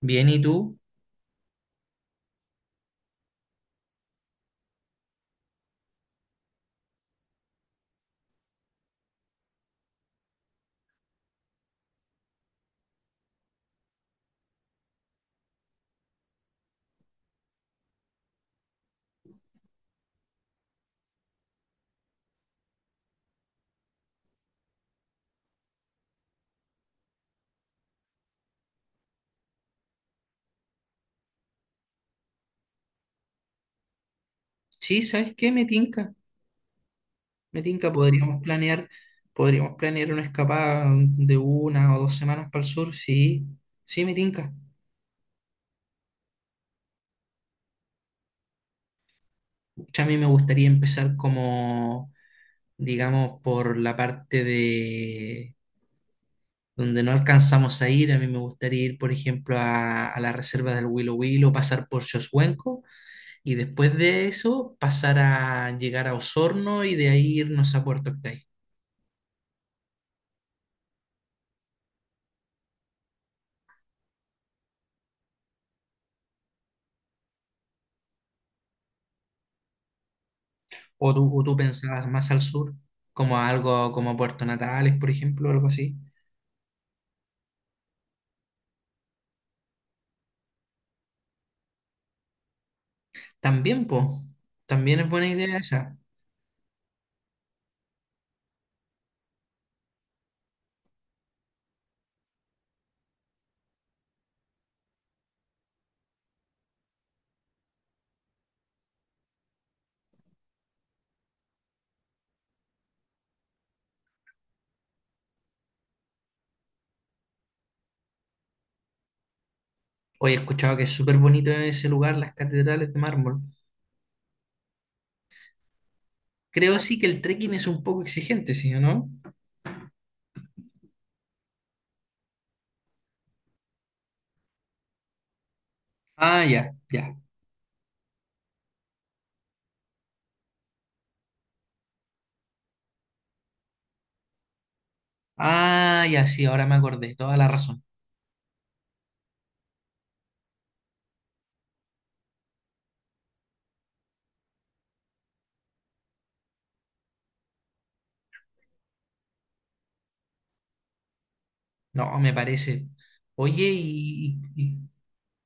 Bien, ¿y tú? Sí, ¿sabes qué? Me tinca, me tinca. Podríamos planear una escapada de 1 o 2 semanas para el sur. Sí, sí, me tinca. Pucha, a mí me gustaría empezar como, digamos, por la parte de donde no alcanzamos a ir. A mí me gustaría ir, por ejemplo, a la reserva del Huilo Huilo, pasar por Xoshuenco y después de eso pasar a llegar a Osorno y de ahí irnos a Puerto Octay. O tú pensabas más al sur, como algo como Puerto Natales, por ejemplo, algo así. También, po, también es buena idea esa. Hoy he escuchado que es súper bonito ese lugar, las catedrales de mármol. Creo sí que el trekking es un poco exigente, ¿sí o no? Ah, ya, ya. Ah, ya, sí, ahora me acordé, toda la razón. No, me parece. Oye, ¿y, y,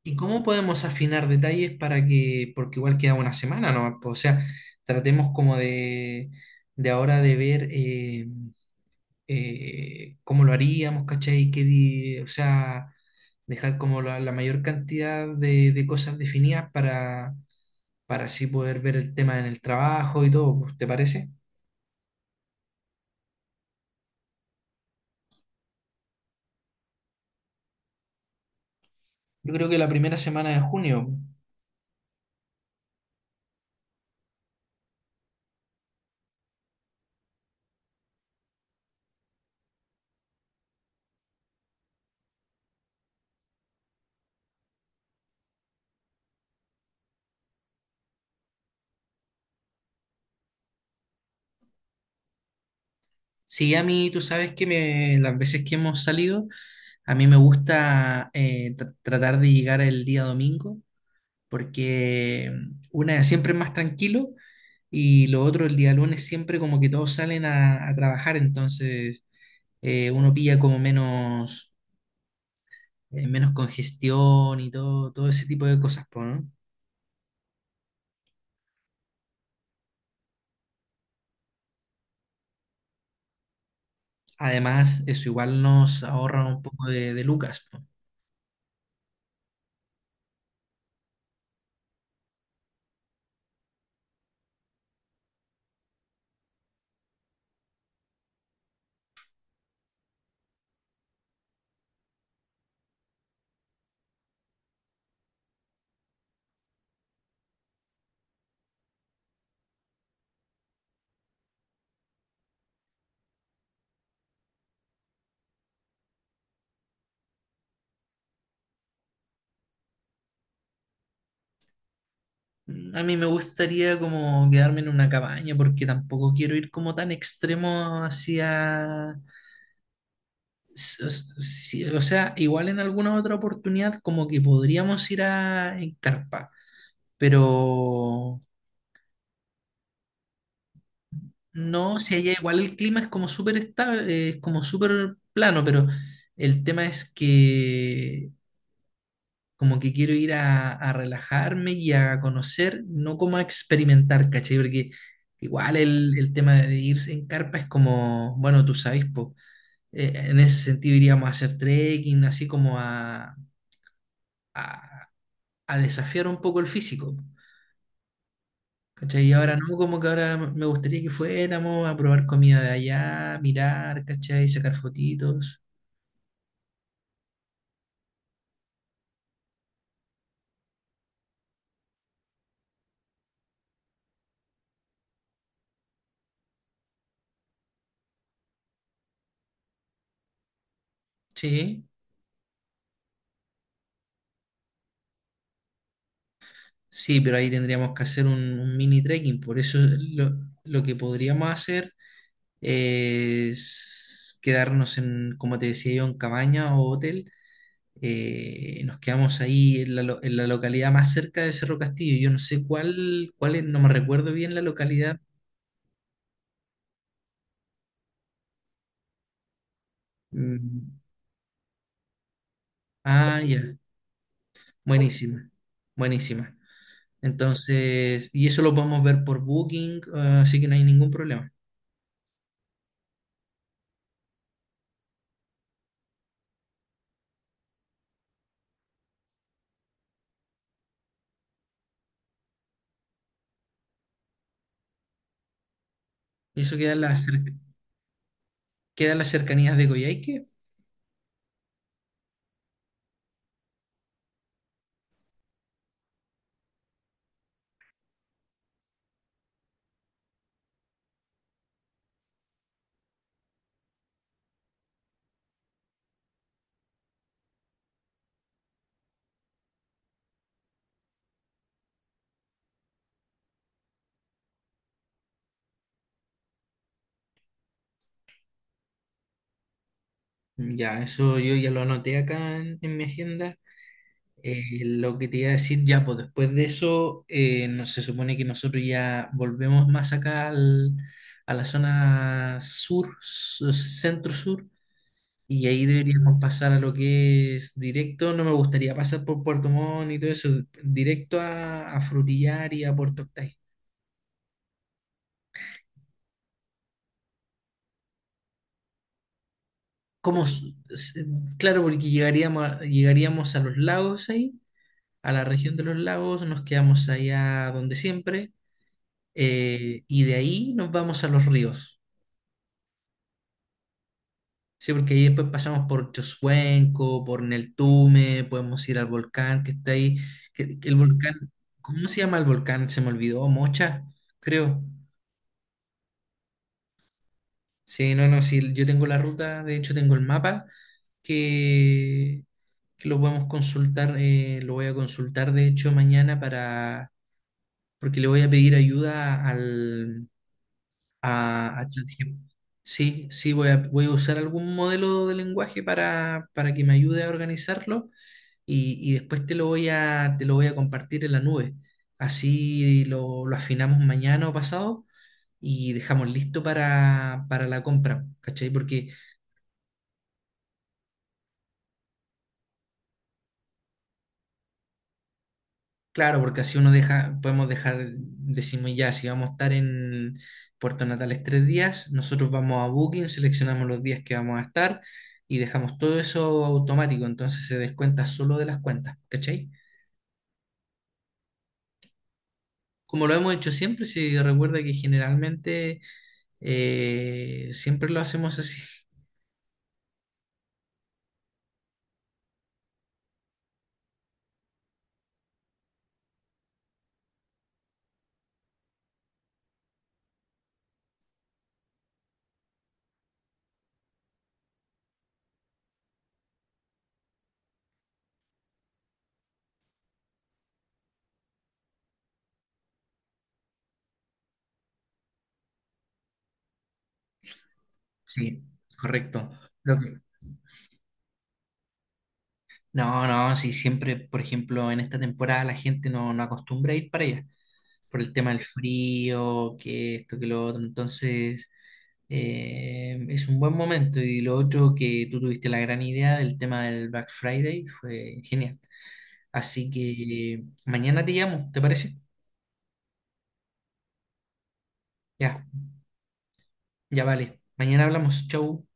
y cómo podemos afinar detalles para que, porque igual queda una semana nomás, po, o sea, tratemos como de, ahora de ver cómo lo haríamos, ¿cachai? O sea, dejar como la, mayor cantidad de, cosas definidas para así poder ver el tema en el trabajo y todo, pues, ¿te parece? Yo creo que la primera semana de junio. Sí, a mí, tú sabes que me, las veces que hemos salido, a mí me gusta tratar de llegar el día domingo, porque una siempre es más tranquilo y lo otro el día lunes siempre como que todos salen a trabajar, entonces uno pilla como menos, menos congestión y todo, todo ese tipo de cosas, po, ¿no? Además, eso igual nos ahorra un poco de, lucas, po. A mí me gustaría como quedarme en una cabaña porque tampoco quiero ir como tan extremo hacia o sea, igual en alguna otra oportunidad como que podríamos ir a en carpa, pero no, si allá igual el clima es como súper estable, es como súper plano, pero el tema es que como que quiero ir a, relajarme y a conocer, no como a experimentar, ¿cachai? Porque igual el tema de irse en carpa es como, bueno, tú sabes, po, en ese sentido iríamos a hacer trekking, así como a, a desafiar un poco el físico, ¿cachai? Y ahora no, como que ahora me gustaría que fuéramos a probar comida de allá, mirar, ¿cachai? Sacar fotitos. Sí, sí, pero ahí tendríamos que hacer un, mini trekking. Por eso lo que podríamos hacer es quedarnos en, como te decía yo, en cabaña o hotel. Nos quedamos ahí en la, localidad más cerca de Cerro Castillo. Yo no sé cuál es, no me recuerdo bien la localidad. Mm, ah, ya, buenísima, buenísima. Entonces, y eso lo podemos ver por Booking, así que no hay ningún problema. Y eso queda en la cerca. Quedan las cercanías de Coyhaique. Ya, eso yo ya lo anoté acá en, mi agenda. Lo que te iba a decir ya, pues después de eso, no, se supone que nosotros ya volvemos más acá a la zona sur, centro-sur, y ahí deberíamos pasar a lo que es directo. No me gustaría pasar por Puerto Montt y todo eso, directo a, Frutillar y a Puerto Octay. como s- s- Claro, porque llegaríamos, llegaríamos a los lagos ahí, a la región de los lagos, nos quedamos allá donde siempre, y de ahí nos vamos a los ríos, ¿sí? Porque ahí después pasamos por Chosuenco, por Neltume, podemos ir al volcán que está ahí, que, el volcán, ¿cómo se llama el volcán? Se me olvidó, Mocha, creo. Sí, no, no, sí, yo tengo la ruta, de hecho tengo el mapa que, que lo podemos consultar, lo voy a consultar de hecho mañana para, porque le voy a pedir ayuda a ChatGPT. Sí, sí, voy a, usar algún modelo de lenguaje para que me ayude a organizarlo y, después te lo voy a compartir en la nube. Así lo, afinamos mañana o pasado y dejamos listo para la compra, ¿cachai? Porque claro, porque así uno deja, podemos dejar, decimos ya, si vamos a estar en Puerto Natales 3 días, nosotros vamos a Booking, seleccionamos los días que vamos a estar y dejamos todo eso automático, entonces se descuenta solo de las cuentas, ¿cachai? Como lo hemos hecho siempre, si recuerda que generalmente siempre lo hacemos así. Sí, correcto. Lo que- No, no, sí, siempre, por ejemplo, en esta temporada la gente no, acostumbra a ir para allá, por el tema del frío, que esto, que lo otro, entonces es un buen momento. Y lo otro que tú tuviste la gran idea del tema del Black Friday fue genial. Así que mañana te llamo, ¿te parece? Ya, ya vale. Mañana hablamos, chau.